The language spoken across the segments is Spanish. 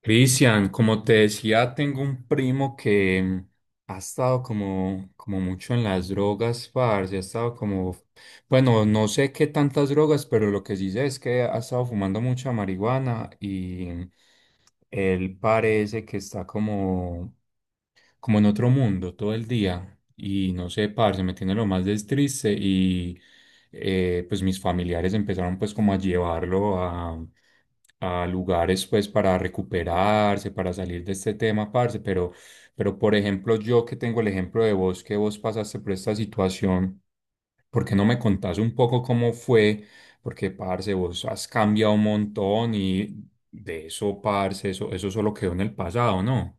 Cristian, como te decía, tengo un primo que ha estado como mucho en las drogas, parce, ha estado como, bueno, no sé qué tantas drogas, pero lo que sí sé es que ha estado fumando mucha marihuana y él parece que está como en otro mundo todo el día y no sé, parce, me tiene lo más des triste y pues mis familiares empezaron pues como a llevarlo a lugares pues para recuperarse, para salir de este tema, parce, pero por ejemplo yo que tengo el ejemplo de vos, que vos pasaste por esta situación, ¿por qué no me contás un poco cómo fue? Porque, parce, vos has cambiado un montón y de eso, parce, eso solo quedó en el pasado, ¿no?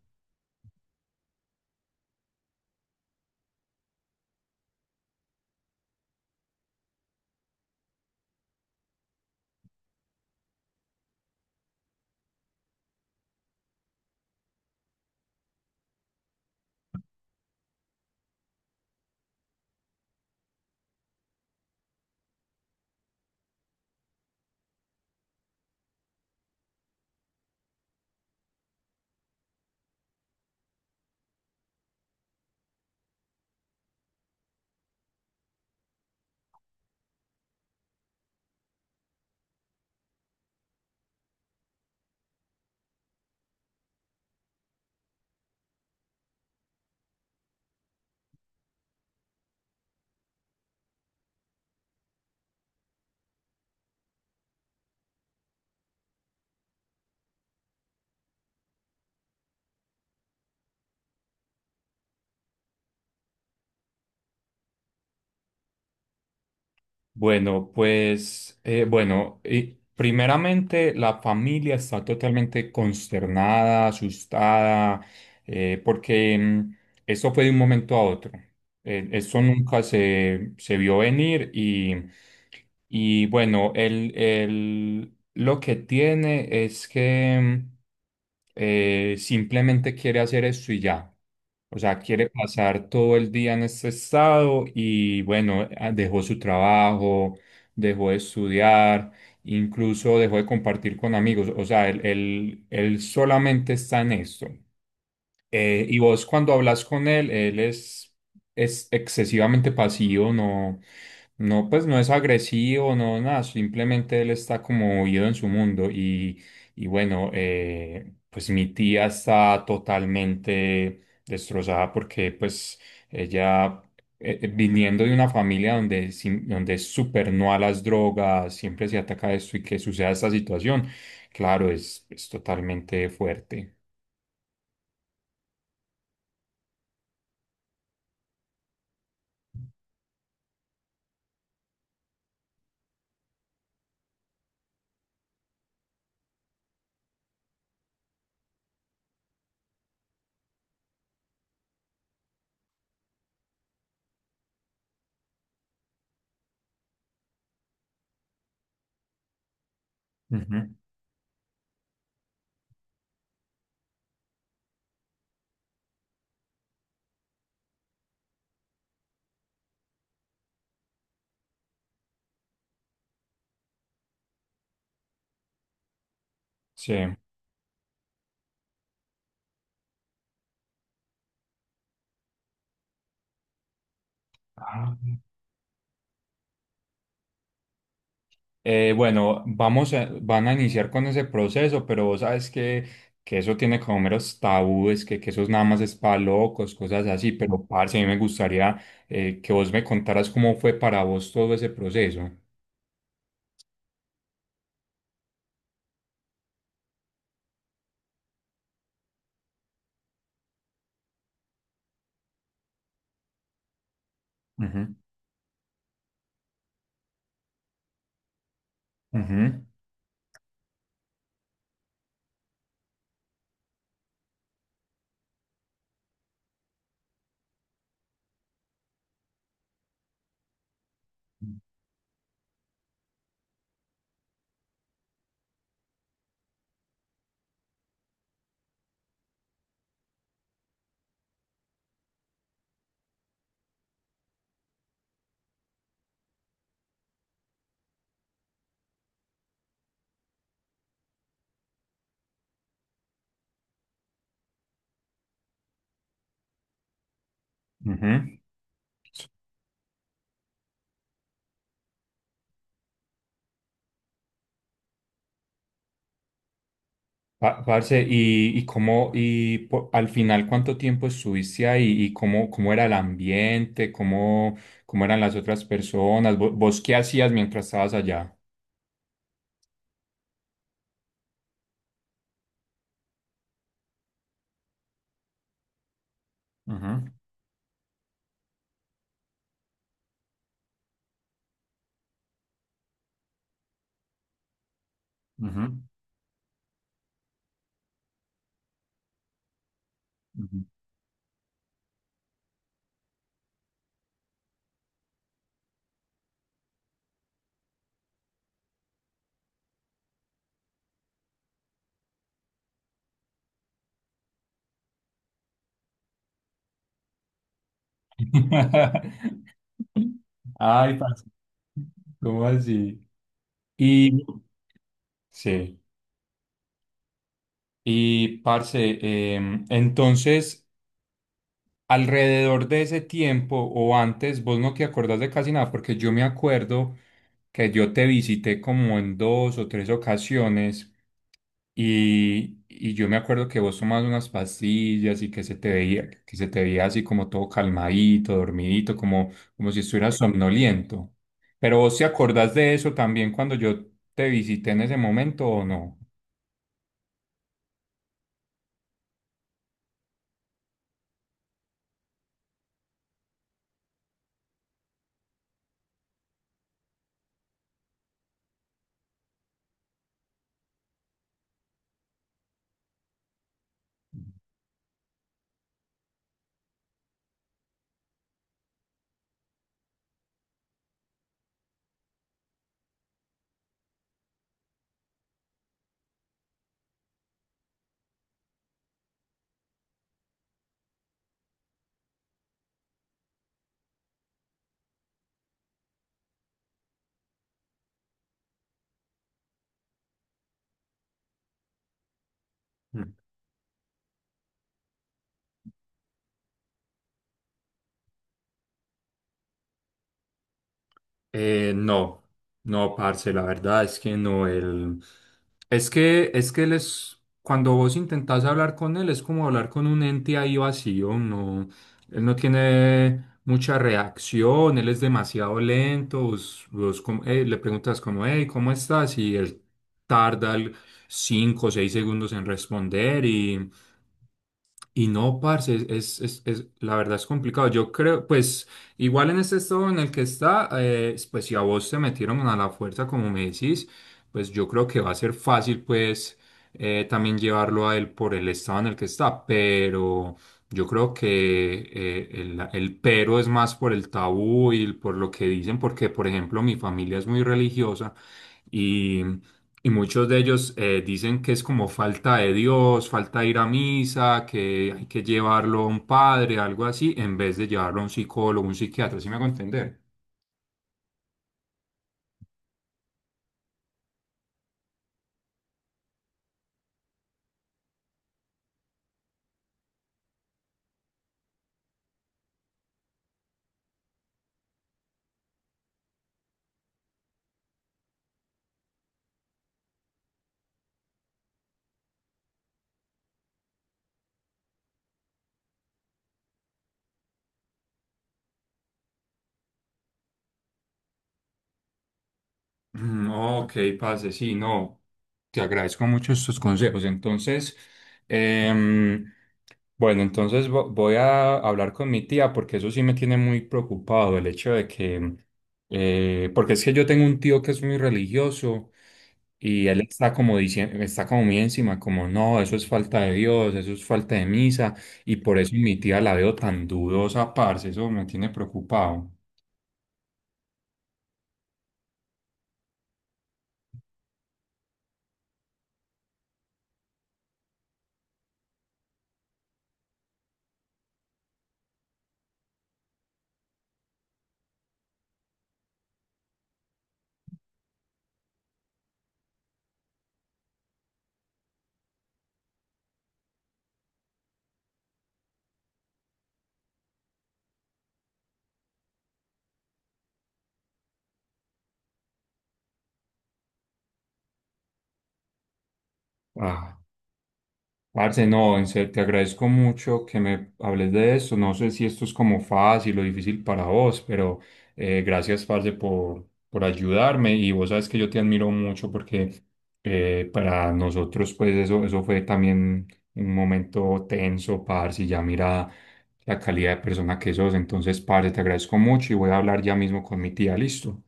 Bueno, pues, y primeramente la familia está totalmente consternada, asustada, eh, porque mm, eso fue de un momento a otro. Eso nunca se vio venir y bueno, el, lo que tiene es que simplemente quiere hacer esto y ya. O sea, quiere pasar todo el día en este estado y bueno, ah, dejó su trabajo, dejó de estudiar, incluso dejó de compartir con amigos. O sea, él solamente está en esto. Y vos cuando hablas con él, es excesivamente pasivo, no, pues no es agresivo, no, nada, simplemente él está como huido en su mundo y bueno, pues mi tía está totalmente destrozada porque pues ella viniendo de una familia donde, donde es súper no a las drogas, siempre se ataca esto y que suceda esta situación, claro, es totalmente fuerte. Ujú. Sí. Ah. Bueno, van a iniciar con ese proceso, pero vos sabes que, eso tiene como meros tabúes, que eso es nada más es para locos, cosas así, pero parce, a mí me gustaría que vos me contaras cómo fue para vos todo ese proceso. Ujú, ujú, ujú. Parce, y cómo, y al final cuánto tiempo estuviste ahí y cómo, cómo era el ambiente, cómo, cómo eran las otras personas, vos qué hacías mientras estabas allá. Ujú, ujú. Ujú. Ay, parce, ¿cómo así? Y sí, y parce, entonces, alrededor de ese tiempo o antes, vos no te acordás de casi nada, porque yo me acuerdo que yo te visité como en dos o tres ocasiones. Y yo me acuerdo que vos tomabas unas pastillas y que se te veía así como todo calmadito, dormidito, como, como si estuvieras somnoliento. Pero vos te acordás de eso también cuando yo te visité en ese momento ¿o no? Eh, no, no, parce, la verdad es que no, él, es que él es, cuando vos intentás hablar con él, es como hablar con un ente ahí vacío, no, él no tiene mucha reacción, él es demasiado lento, vos le preguntas como, hey, ¿cómo estás? Y él tarda el- cinco o seis segundos en responder y no, parce, la verdad es complicado. Yo creo, pues, igual en este estado en el que está, pues si a vos te metieron a la fuerza, como me decís, pues yo creo que va a ser fácil, pues, también llevarlo a él por el estado en el que está. Pero yo creo que el pero es más por el tabú y por lo que dicen, porque, por ejemplo, mi familia es muy religiosa. Y muchos de ellos dicen que es como falta de Dios, falta de ir a misa, que hay que llevarlo a un padre, algo así, en vez de llevarlo a un psicólogo, un psiquiatra, ¿sí me hago entender? Mm. Ok, parce, sí, no, te agradezco mucho estos consejos. Entonces, em, bueno, entonces voy a hablar con mi tía porque eso sí me tiene muy preocupado, el hecho de que, porque es que yo tengo un tío que es muy religioso y él está como diciendo, está como muy encima, como no, eso es falta de Dios, eso es falta de misa y por eso mi tía la veo tan dudosa, parce, eso me tiene preocupado. Ah. Parce, no, en serio, te agradezco mucho que me hables de esto. No sé si esto es como fácil o difícil para vos, pero gracias, parce, por ayudarme. Y vos sabes que yo te admiro mucho porque para nosotros, pues, eso fue también un momento tenso, parce, y ya mira la calidad de persona que sos. Entonces, parce, te agradezco mucho y voy a hablar ya mismo con mi tía. Listo.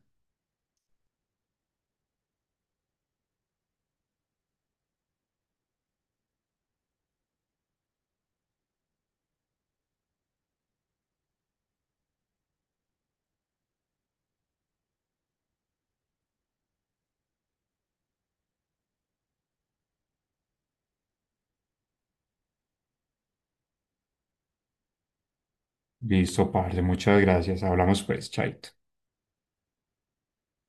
Listo, parce, muchas gracias. Hablamos, pues, chaito.